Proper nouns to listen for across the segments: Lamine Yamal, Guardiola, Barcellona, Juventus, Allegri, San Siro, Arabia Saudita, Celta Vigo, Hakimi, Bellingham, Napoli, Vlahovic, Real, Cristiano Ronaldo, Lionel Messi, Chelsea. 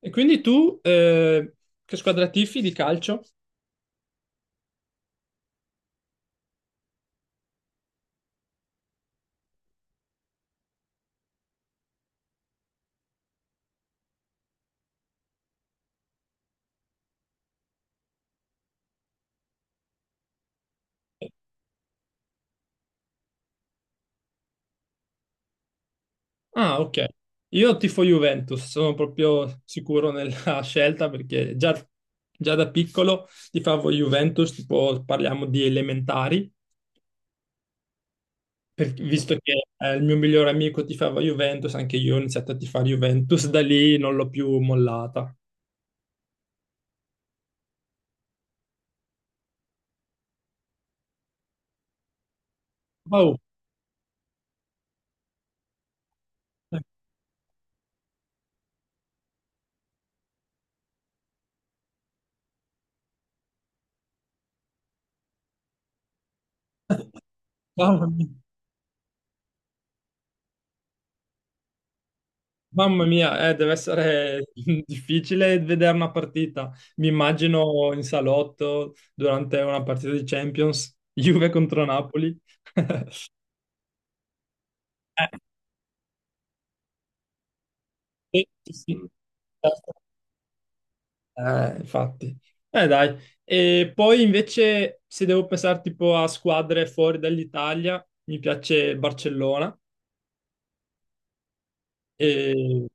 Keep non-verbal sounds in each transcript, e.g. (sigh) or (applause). E quindi tu che squadra tifi di calcio? Ah, ok. Io tifo Juventus, sono proprio sicuro nella (laughs) scelta perché già da piccolo tifavo Juventus, tipo parliamo di elementari, visto che il mio migliore amico tifava Juventus, anche io ho iniziato a tifare Juventus, da lì non l'ho più mollata. Wow. eh, Wow. Mamma mia, deve essere (laughs) difficile vedere una partita. Mi immagino in salotto durante una partita di Champions, (laughs) Juve contro Napoli. (laughs) Sì, sì, sì. Certo. Infatti. Dai. E poi invece, se devo pensare tipo a squadre fuori dall'Italia, mi piace il Barcellona. E...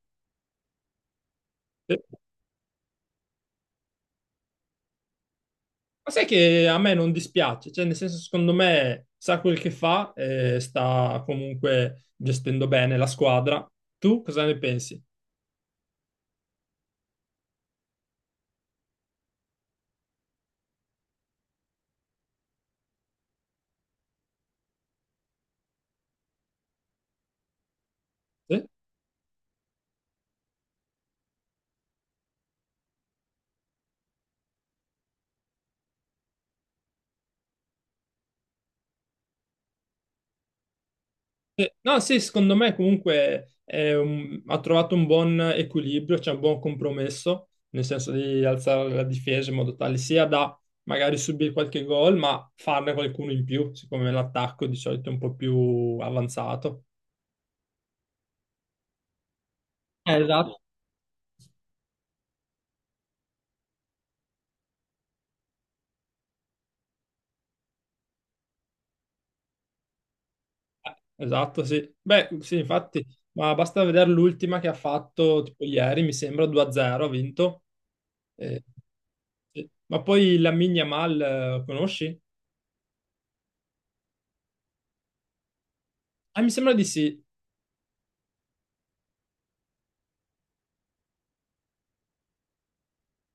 sì. Ma sai che a me non dispiace, cioè nel senso secondo me sa quel che fa e sta comunque gestendo bene la squadra. Tu cosa ne pensi? Sì? Sì. No, sì, secondo me comunque è ha trovato un buon equilibrio, c'è un buon compromesso, nel senso di alzare la difesa in modo tale sia da magari subire qualche gol, ma farne qualcuno in più, siccome l'attacco di solito è un po' più avanzato. Esatto, sì. Beh, sì, infatti, ma basta vedere l'ultima che ha fatto, tipo ieri, mi sembra 2-0, ha vinto. Eh, sì. Ma poi Lamine Yamal, conosci? Ah, mi sembra di sì.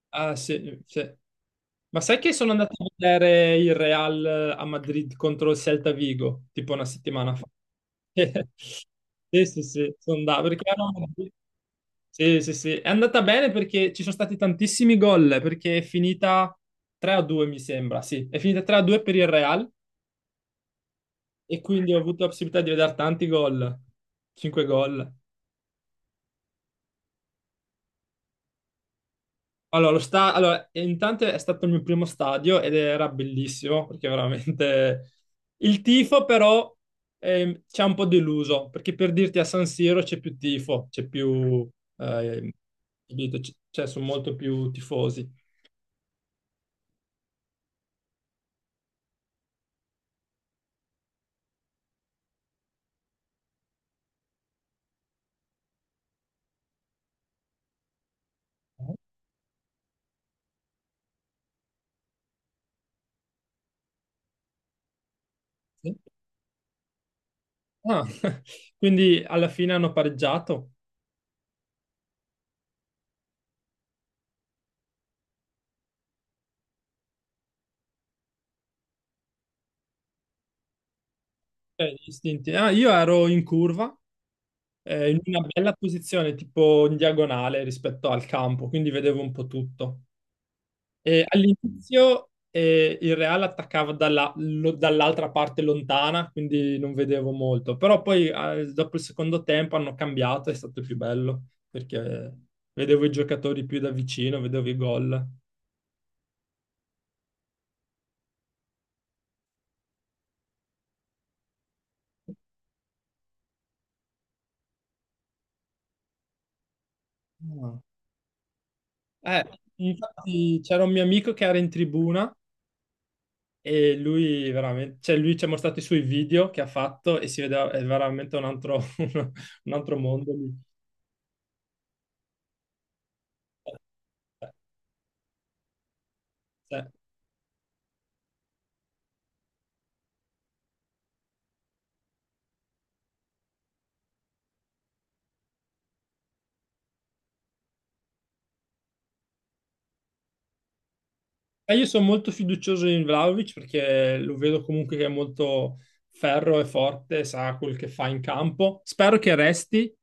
Ah, sì, sì. Ma sai che sono andato a vedere il Real a Madrid contro il Celta Vigo, tipo una settimana fa? (laughs) Sì, sì, sì, sono andato perché ero a Madrid. Sì, sì, sì, è andata bene perché ci sono stati tantissimi gol, perché è finita 3-2 mi sembra, sì, è finita 3-2 per il Real e quindi ho avuto la possibilità di vedere tanti gol, 5 gol. Allora, allora, e intanto è stato il mio primo stadio ed era bellissimo perché veramente il tifo però ci ha un po' deluso, perché per dirti a San Siro c'è più tifo, c'è più, ehm, capito? Cioè sono molto più tifosi. Sì. Ah, (laughs) quindi alla fine hanno pareggiato. Gli istinti. Ah, io ero in curva, in una bella posizione, tipo in diagonale rispetto al campo, quindi vedevo un po' tutto. E all'inizio il Real attaccava dall'altra parte lontana, quindi non vedevo molto. Però poi dopo il secondo tempo hanno cambiato, è stato più bello, perché vedevo i giocatori più da vicino, vedevo i gol. Ah. Eh, infatti c'era un mio amico che era in tribuna. E lui veramente, cioè lui ci ha mostrato i suoi video che ha fatto e si vedeva, è veramente un altro, (laughs) un altro mondo lì. Cioè, e io sono molto fiducioso in Vlahovic perché lo vedo comunque che è molto ferro e forte, sa quel che fa in campo. Spero che resti.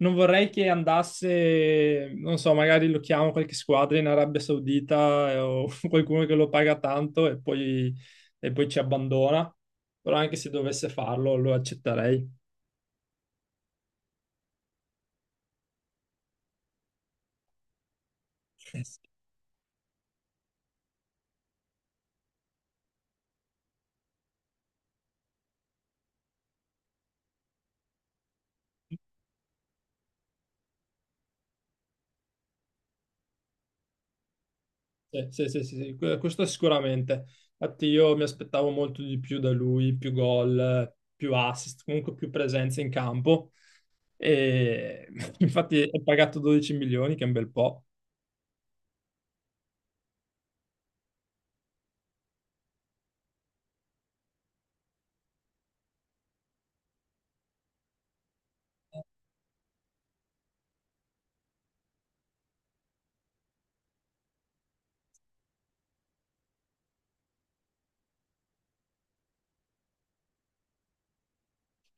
Non vorrei che andasse, non so, magari lo chiamo qualche squadra in Arabia Saudita o (laughs) qualcuno che lo paga tanto e poi, ci abbandona. Però anche se dovesse farlo, lo accetterei. Sì. Sì, sì, sì, sì, sì, questo sicuramente. Infatti io mi aspettavo molto di più da lui, più gol, più assist, comunque più presenza in campo. E (laughs) infatti è pagato 12 milioni, che è un bel po'.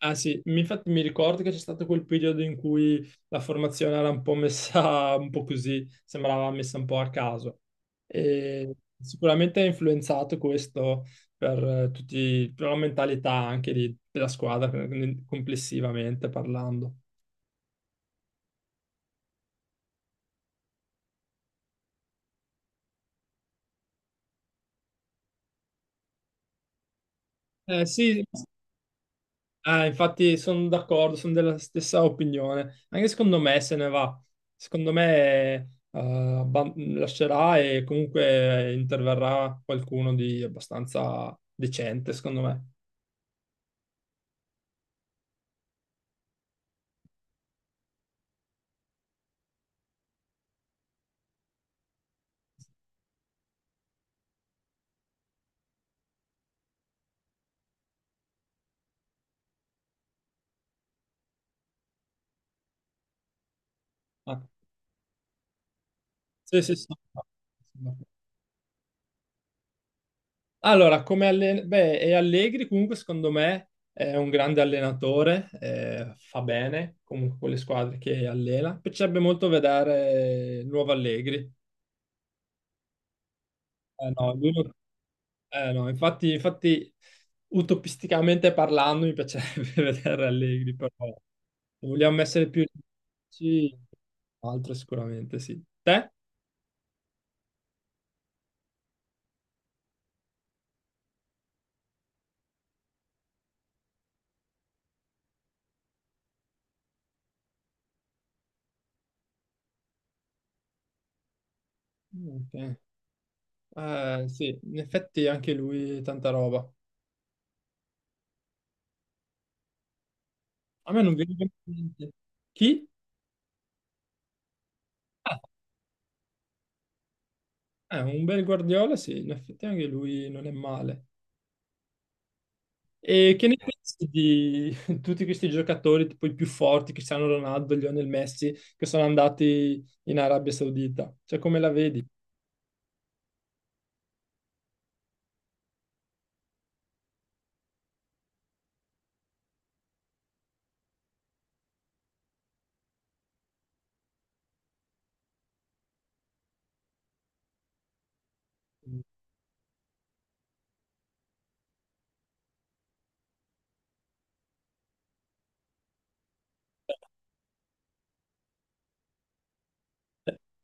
Ah, sì, infatti mi ricordo che c'è stato quel periodo in cui la formazione era un po' messa (laughs) un po' così, sembrava messa un po' a caso. E sicuramente ha influenzato questo per tutti, per la mentalità anche della squadra complessivamente parlando. Sì. Infatti sono d'accordo, sono della stessa opinione. Anche secondo me se ne va. Secondo me lascerà e comunque interverrà qualcuno di abbastanza decente, secondo me. Ah, sì, sì, sì. Allora, beh, e Allegri comunque secondo me è un grande allenatore, fa bene comunque con le squadre che allena. Mi piacerebbe molto vedere il nuovo Allegri. No, lui non. No, infatti, infatti, utopisticamente parlando, mi piacerebbe (laughs) vedere Allegri, però se vogliamo essere più realistici, altro sicuramente, sì. Te? Ok. Sì, in effetti anche lui tanta roba. A me non viene in mente niente. Chi? Ah, un bel Guardiola, sì, in effetti anche lui non è male. E che ne pensi di (laughs) tutti questi giocatori, tipo i più forti, Cristiano Ronaldo, Lionel Messi, che sono andati in Arabia Saudita? Cioè, come la vedi?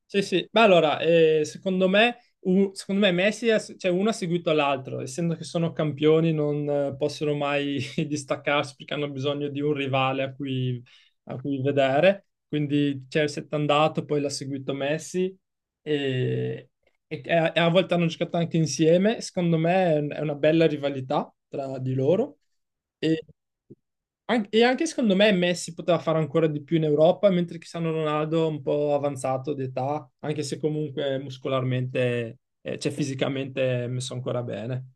Sì, sì, ma allora, secondo me, secondo me Messi, cioè uno ha seguito l'altro, essendo che sono campioni non possono mai (laughs) distaccarsi perché hanno bisogno di un rivale a cui, vedere. Quindi Chelsea è andato, poi l'ha seguito Messi e, e a volte hanno giocato anche insieme, secondo me è è una bella rivalità tra di loro. E, e anche secondo me Messi poteva fare ancora di più in Europa, mentre Cristiano Ronaldo è un po' avanzato d'età, anche se comunque muscolarmente, cioè fisicamente è messo ancora bene.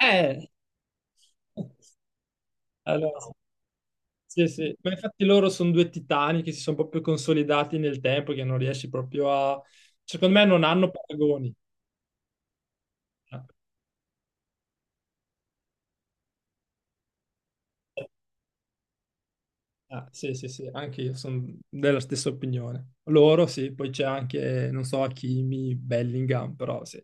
Eh, allora, sì, sì. Ma infatti loro sono due titani che si sono proprio consolidati nel tempo, che non riesci proprio a. Secondo me non hanno paragoni. Ah, ah, sì, sì, sì, anche io sono della stessa opinione. Loro sì, poi c'è anche, non so, Hakimi, Bellingham, però sì.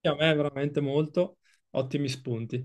Sì, a me veramente molto, ottimi spunti.